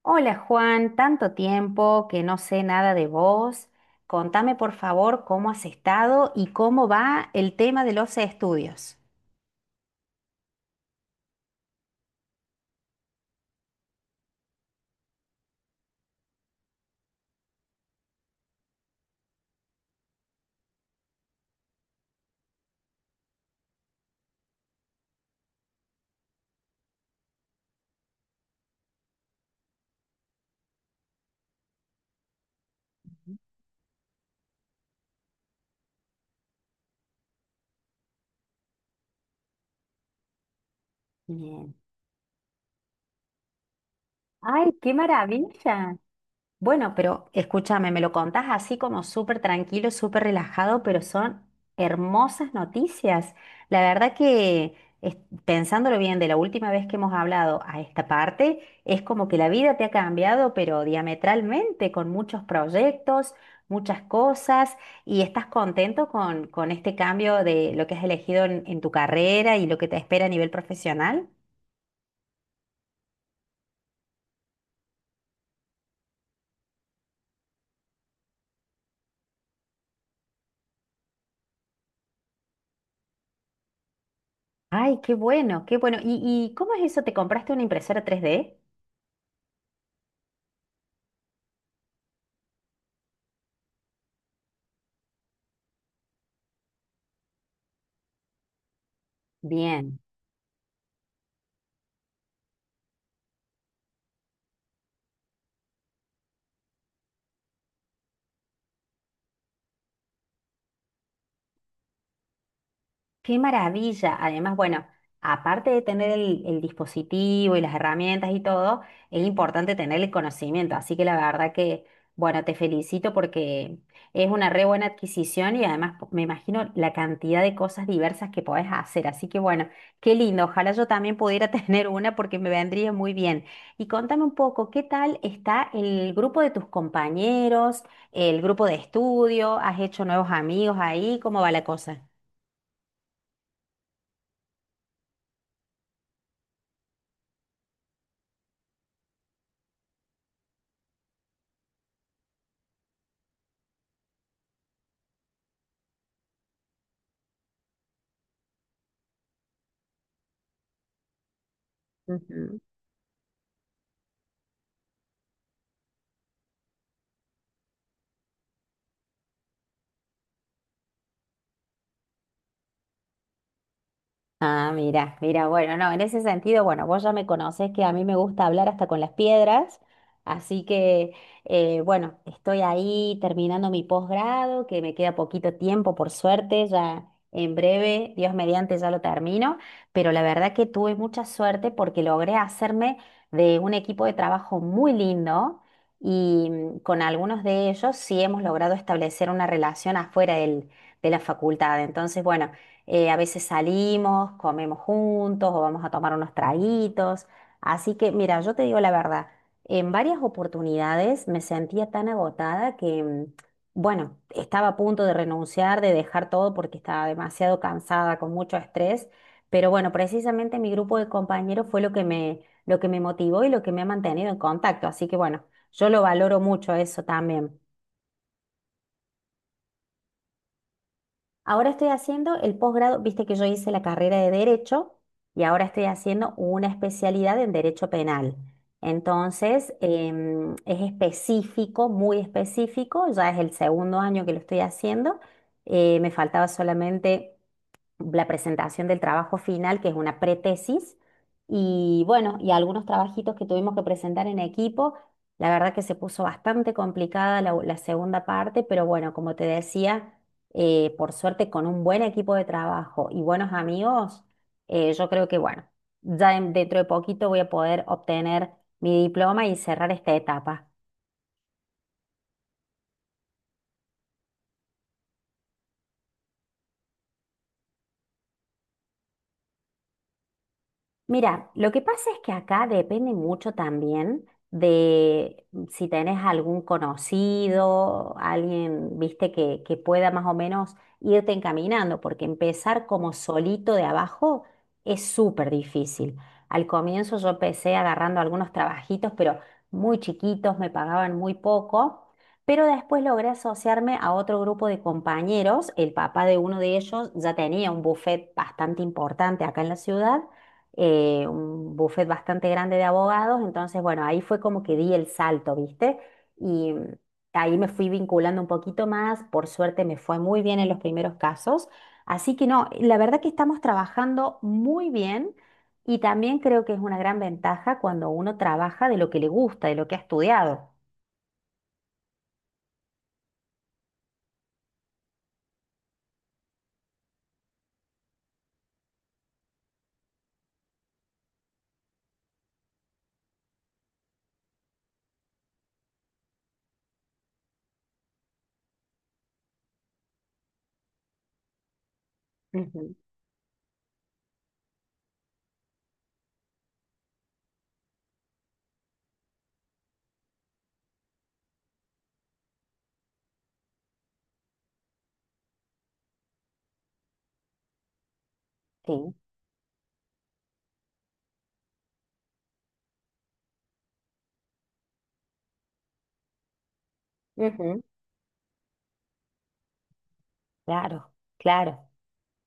Hola Juan, tanto tiempo que no sé nada de vos. Contame por favor cómo has estado y cómo va el tema de los estudios. Bien. Ay, qué maravilla. Bueno, pero escúchame, me lo contás así como súper tranquilo, súper relajado, pero son hermosas noticias. La verdad que es- pensándolo bien, de la última vez que hemos hablado a esta parte, es como que la vida te ha cambiado, pero diametralmente, con muchos proyectos, muchas cosas, y estás contento con este cambio de lo que has elegido en tu carrera y lo que te espera a nivel profesional. Ay, qué bueno, qué bueno. Y cómo es eso? ¿Te compraste una impresora 3D? Bien. Qué maravilla. Además, bueno, aparte de tener el dispositivo y las herramientas y todo, es importante tener el conocimiento. Así que la verdad que, bueno, te felicito porque es una re buena adquisición y además me imagino la cantidad de cosas diversas que podés hacer. Así que, bueno, qué lindo. Ojalá yo también pudiera tener una porque me vendría muy bien. Y contame un poco, ¿qué tal está el grupo de tus compañeros, el grupo de estudio? ¿Has hecho nuevos amigos ahí? ¿Cómo va la cosa? Ujú. Ah, mira, mira, bueno, no, en ese sentido, bueno, vos ya me conocés que a mí me gusta hablar hasta con las piedras, así que, bueno, estoy ahí terminando mi posgrado, que me queda poquito tiempo, por suerte, ya en breve, Dios mediante, ya lo termino, pero la verdad que tuve mucha suerte porque logré hacerme de un equipo de trabajo muy lindo y con algunos de ellos sí hemos logrado establecer una relación afuera de la facultad, entonces, bueno, a veces salimos, comemos juntos o vamos a tomar unos traguitos. Así que, mira, yo te digo la verdad, en varias oportunidades me sentía tan agotada que, bueno, estaba a punto de renunciar, de dejar todo porque estaba demasiado cansada, con mucho estrés. Pero bueno, precisamente mi grupo de compañeros fue lo que me motivó y lo que me ha mantenido en contacto. Así que bueno, yo lo valoro mucho eso también. Ahora estoy haciendo el posgrado, viste que yo hice la carrera de Derecho y ahora estoy haciendo una especialidad en Derecho Penal. Entonces, es específico, muy específico, ya es el segundo año que lo estoy haciendo. Me faltaba solamente la presentación del trabajo final, que es una pretesis, y bueno, y algunos trabajitos que tuvimos que presentar en equipo. La verdad que se puso bastante complicada la segunda parte, pero bueno, como te decía, por suerte con un buen equipo de trabajo y buenos amigos, yo creo que bueno, ya dentro de poquito voy a poder obtener mi diploma y cerrar esta etapa. Mira, lo que pasa es que acá depende mucho también de si tenés algún conocido, alguien, viste, que pueda más o menos irte encaminando, porque empezar como solito de abajo es súper difícil. Al comienzo yo empecé agarrando algunos trabajitos, pero muy chiquitos, me pagaban muy poco, pero después logré asociarme a otro grupo de compañeros. El papá de uno de ellos ya tenía un buffet bastante importante acá en la ciudad, un buffet bastante grande de abogados, entonces bueno, ahí fue como que di el salto, ¿viste? Y ahí me fui vinculando un poquito más, por suerte me fue muy bien en los primeros casos, así que no, la verdad que estamos trabajando muy bien y también creo que es una gran ventaja cuando uno trabaja de lo que le gusta, de lo que ha estudiado. Ujú. Sí, ujú. Claro, claro.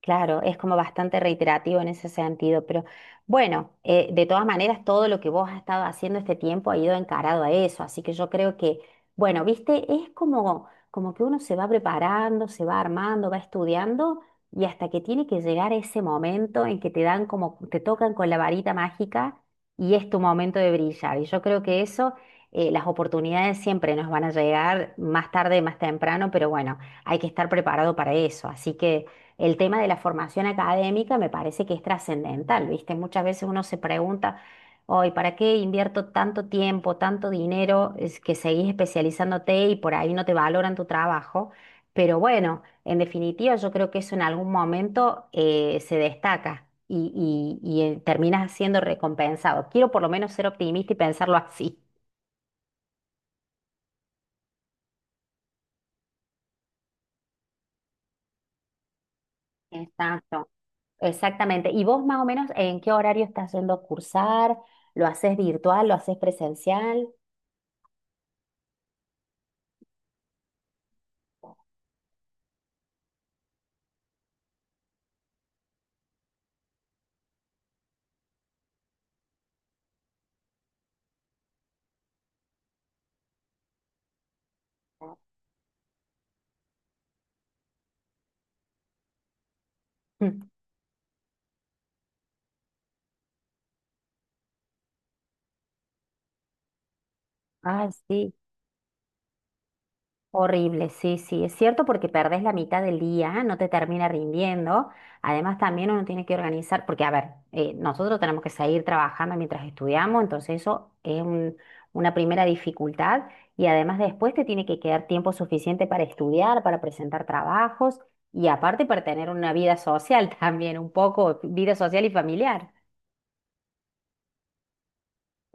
Claro, es como bastante reiterativo en ese sentido, pero bueno, de todas maneras, todo lo que vos has estado haciendo este tiempo ha ido encarado a eso, así que yo creo que, bueno, viste, es como, como que uno se va preparando, se va armando, va estudiando y hasta que tiene que llegar ese momento en que te dan como, te tocan con la varita mágica y es tu momento de brillar. Y yo creo que eso, las oportunidades siempre nos van a llegar más tarde, más temprano, pero bueno, hay que estar preparado para eso, así que... El tema de la formación académica me parece que es trascendental, ¿viste? Muchas veces uno se pregunta, hoy, ¿para qué invierto tanto tiempo, tanto dinero? Es que seguís especializándote y por ahí no te valoran tu trabajo. Pero bueno, en definitiva, yo creo que eso en algún momento se destaca y terminas siendo recompensado. Quiero por lo menos ser optimista y pensarlo así. Exacto, exactamente. ¿Y vos más o menos en qué horario estás yendo a cursar? ¿Lo haces virtual? ¿Lo haces presencial? Mm. Ay, sí, horrible, sí, sí, es cierto porque perdés la mitad del día, no te termina rindiendo. Además, también uno tiene que organizar, porque a ver, nosotros tenemos que seguir trabajando mientras estudiamos, entonces eso es una primera dificultad y además después te tiene que quedar tiempo suficiente para estudiar, para presentar trabajos y aparte para tener una vida social también, un poco, vida social y familiar.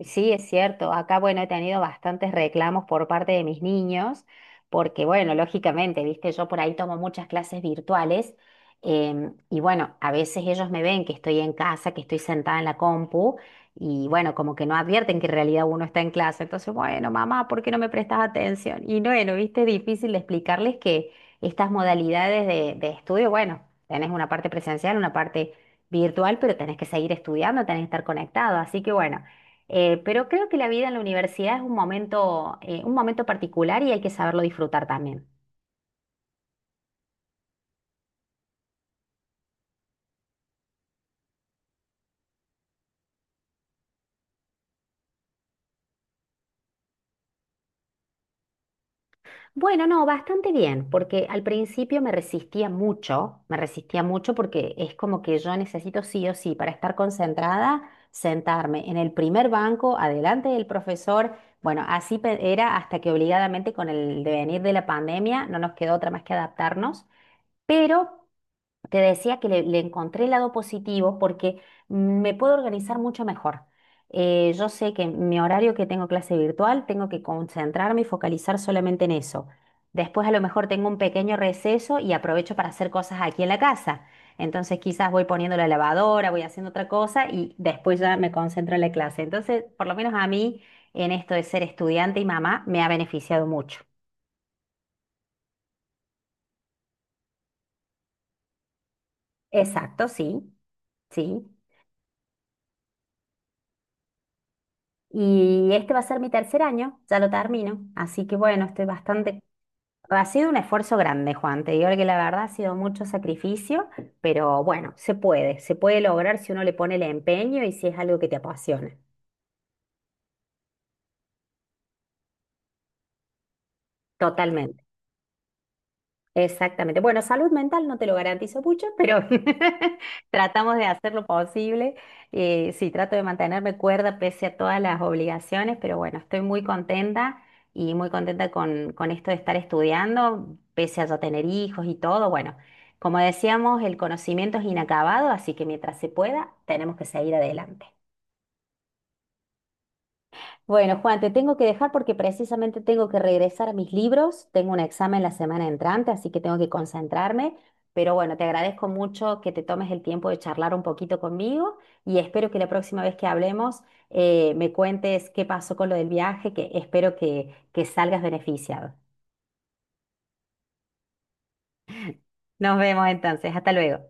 Sí, es cierto. Acá, bueno, he tenido bastantes reclamos por parte de mis niños, porque, bueno, lógicamente, viste, yo por ahí tomo muchas clases virtuales, y, bueno, a veces ellos me ven que estoy en casa, que estoy sentada en la compu y, bueno, como que no advierten que en realidad uno está en clase. Entonces, bueno, mamá, ¿por qué no me prestas atención? Y, bueno, viste, es difícil de explicarles que estas modalidades de estudio, bueno, tenés una parte presencial, una parte virtual, pero tenés que seguir estudiando, tenés que estar conectado. Así que, bueno. Pero creo que la vida en la universidad es un momento particular y hay que saberlo disfrutar también. Bueno, no, bastante bien, porque al principio me resistía mucho porque es como que yo necesito sí o sí para estar concentrada, sentarme en el primer banco, adelante del profesor. Bueno, así era hasta que obligadamente con el devenir de la pandemia no nos quedó otra más que adaptarnos, pero te decía que le encontré el lado positivo porque me puedo organizar mucho mejor. Yo sé que mi horario que tengo clase virtual, tengo que concentrarme y focalizar solamente en eso. Después a lo mejor tengo un pequeño receso y aprovecho para hacer cosas aquí en la casa. Entonces quizás voy poniendo la lavadora, voy haciendo otra cosa y después ya me concentro en la clase. Entonces, por lo menos a mí, en esto de ser estudiante y mamá, me ha beneficiado mucho. Exacto, sí, sí. Y este va a ser mi tercer año, ya lo termino. Así que bueno, estoy bastante... Ha sido un esfuerzo grande, Juan. Te digo que la verdad ha sido mucho sacrificio, pero bueno, se puede. Se puede lograr si uno le pone el empeño y si es algo que te apasiona. Totalmente. Exactamente. Bueno, salud mental no te lo garantizo mucho, pero tratamos de hacer lo posible. Sí, trato de mantenerme cuerda pese a todas las obligaciones, pero bueno, estoy muy contenta y muy contenta con esto de estar estudiando, pese a ya tener hijos y todo. Bueno, como decíamos, el conocimiento es inacabado, así que mientras se pueda, tenemos que seguir adelante. Bueno, Juan, te tengo que dejar porque precisamente tengo que regresar a mis libros. Tengo un examen la semana entrante, así que tengo que concentrarme. Pero bueno, te agradezco mucho que te tomes el tiempo de charlar un poquito conmigo y espero que la próxima vez que hablemos me cuentes qué pasó con lo del viaje, que espero que salgas beneficiado. Nos vemos entonces. Hasta luego.